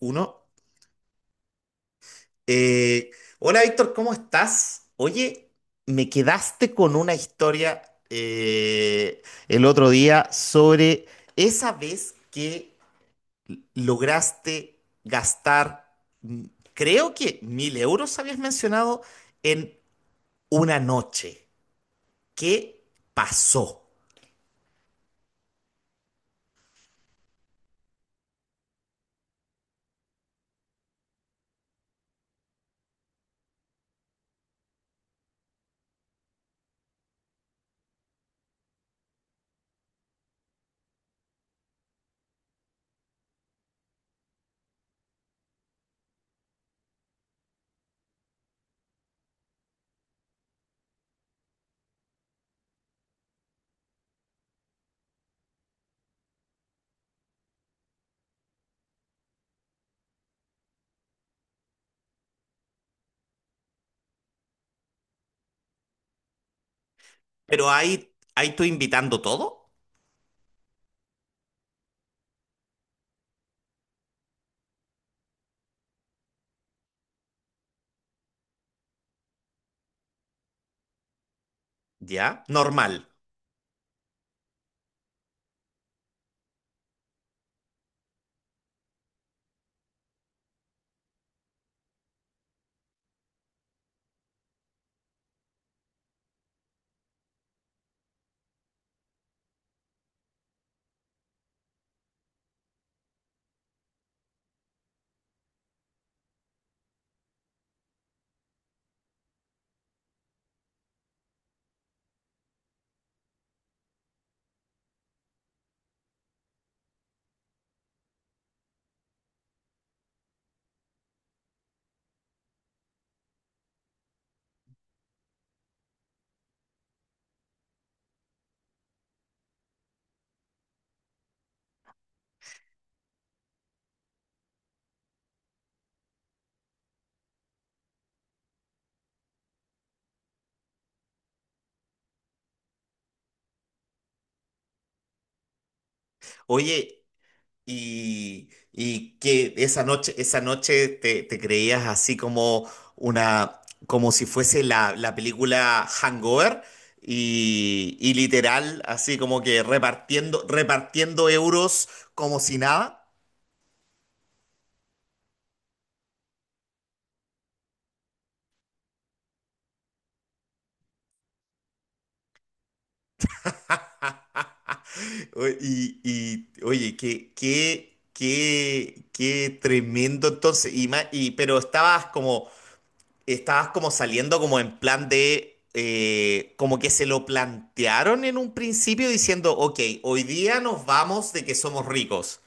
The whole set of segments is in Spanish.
Uno. Eh, hola Víctor, ¿cómo estás? Oye, me quedaste con una historia eh, el otro día sobre esa vez que lograste gastar, mm, creo que 1.000 euros habías mencionado en una noche. ¿Qué pasó? Pero ahí tú invitando todo, ¿ya? Normal. Oye, y que esa noche te creías así como una, como si fuese la película Hangover y literal, así como que repartiendo, repartiendo euros como si nada. Oye, qué tremendo entonces. Pero estabas como saliendo como en plan de, como que se lo plantearon en un principio diciendo, ok, hoy día nos vamos de que somos ricos.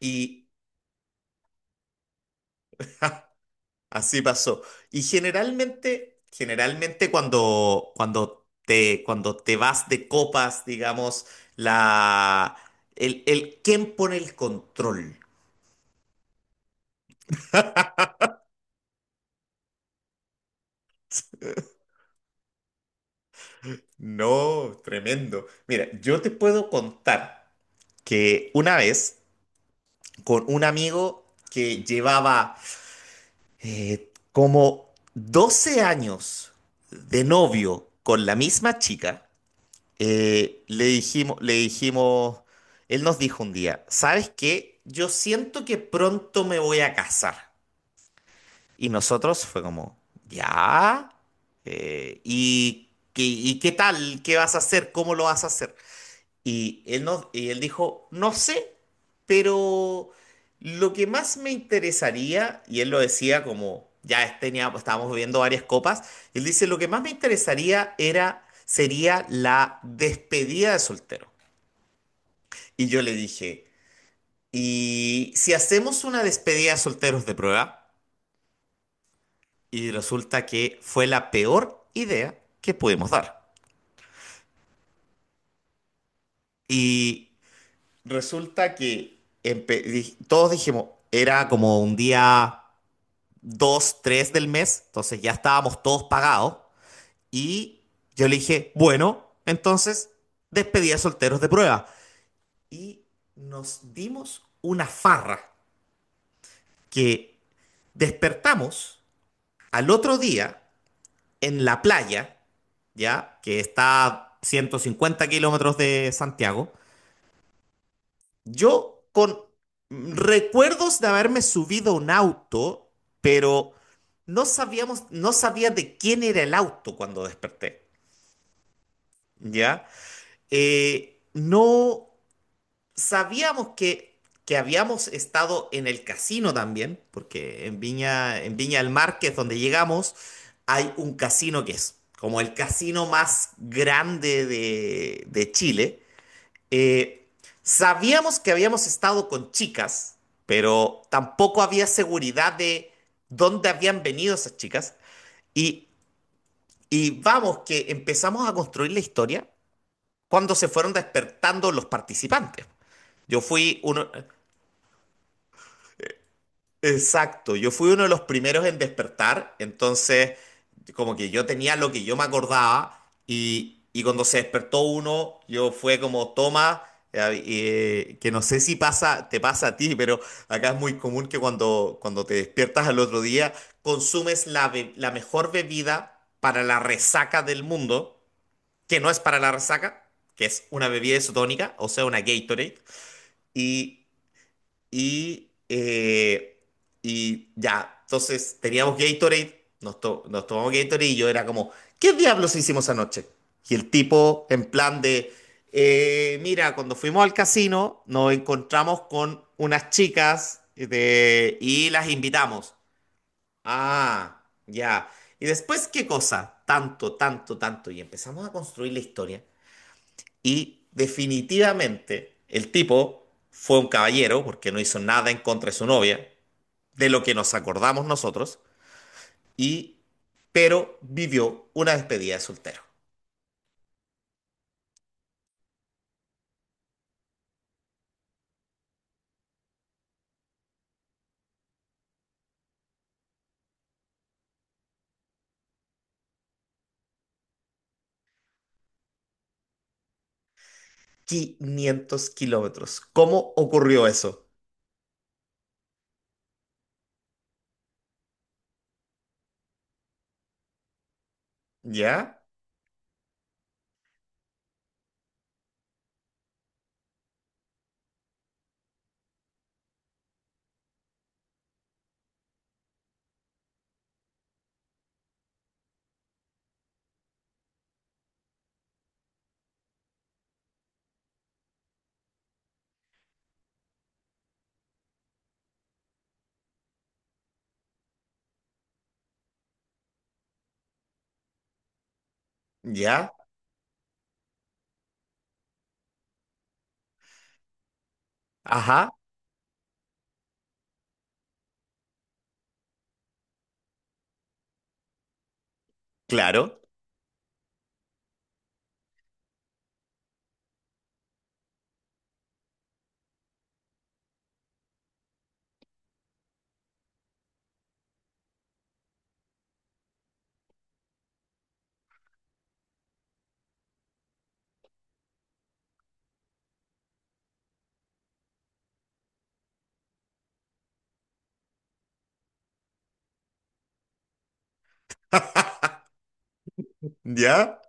Y así pasó. Y generalmente, generalmente cuando te vas de copas, digamos, la, ¿quién pone el control? No, tremendo. Mira, yo te puedo contar que una vez con un amigo que llevaba como 12 años de novio con la misma chica, eh, le dijimos, le dijimos, él nos dijo un día, ¿sabes qué? Yo siento que pronto me voy a casar. Y nosotros fue como, ¿ya? ¿Y qué tal? ¿Qué vas a hacer? ¿Cómo lo vas a hacer? Y él, no, y él dijo, no sé, pero lo que más me interesaría, y él lo decía como, ya tenía, estábamos bebiendo varias copas, y él dice, lo que más me interesaría era, sería la despedida de soltero. Y yo le dije, ¿y si hacemos una despedida de solteros de prueba? Y resulta que fue la peor idea que pudimos dar. Y resulta que todos dijimos, era como un día 2 3 del mes, entonces ya estábamos todos pagados. Y yo le dije, bueno, entonces despedí a solteros de prueba. Y nos dimos una farra que despertamos al otro día en la playa, ya, que está a 150 kilómetros de Santiago. Yo con recuerdos de haberme subido a un auto, pero no sabíamos, no sabía de quién era el auto cuando desperté. ¿Ya? No sabíamos que habíamos estado en el casino también, porque en Viña del Mar, que es donde llegamos, hay un casino que es como el casino más grande de Chile. Eh, sabíamos que habíamos estado con chicas, pero tampoco había seguridad de dónde habían venido esas chicas. Y, y vamos, que empezamos a construir la historia cuando se fueron despertando los participantes. Yo fui uno, exacto, yo fui uno de los primeros en despertar, entonces como que yo tenía lo que yo me acordaba y cuando se despertó uno, yo fue como, toma, eh, que no sé si pasa, te pasa a ti, pero acá es muy común que cuando te despiertas al otro día, consumes la mejor bebida para la resaca del mundo, que no es para la resaca, que es una bebida isotónica, o sea, una Gatorade. Y, y, eh, y ya, entonces teníamos Gatorade, nos tomamos Gatorade y yo era como, ¿qué diablos hicimos anoche? Y el tipo en plan de, mira, cuando fuimos al casino nos encontramos con unas chicas y las invitamos. Ah, ya. ¿Y después qué cosa? Tanto, tanto, tanto. Y empezamos a construir la historia. Y definitivamente el tipo fue un caballero porque no hizo nada en contra de su novia, de lo que nos acordamos nosotros, y pero vivió una despedida de soltero. 500 kilómetros. ¿Cómo ocurrió eso? ¿Ya? ¿Ya? Ajá, claro. ¿Ya?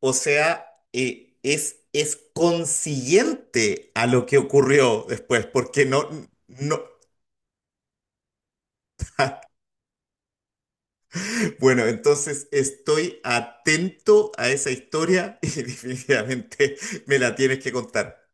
O sea, es consiguiente a lo que ocurrió después, porque no, no, bueno, entonces estoy atento a esa historia y definitivamente me la tienes que contar.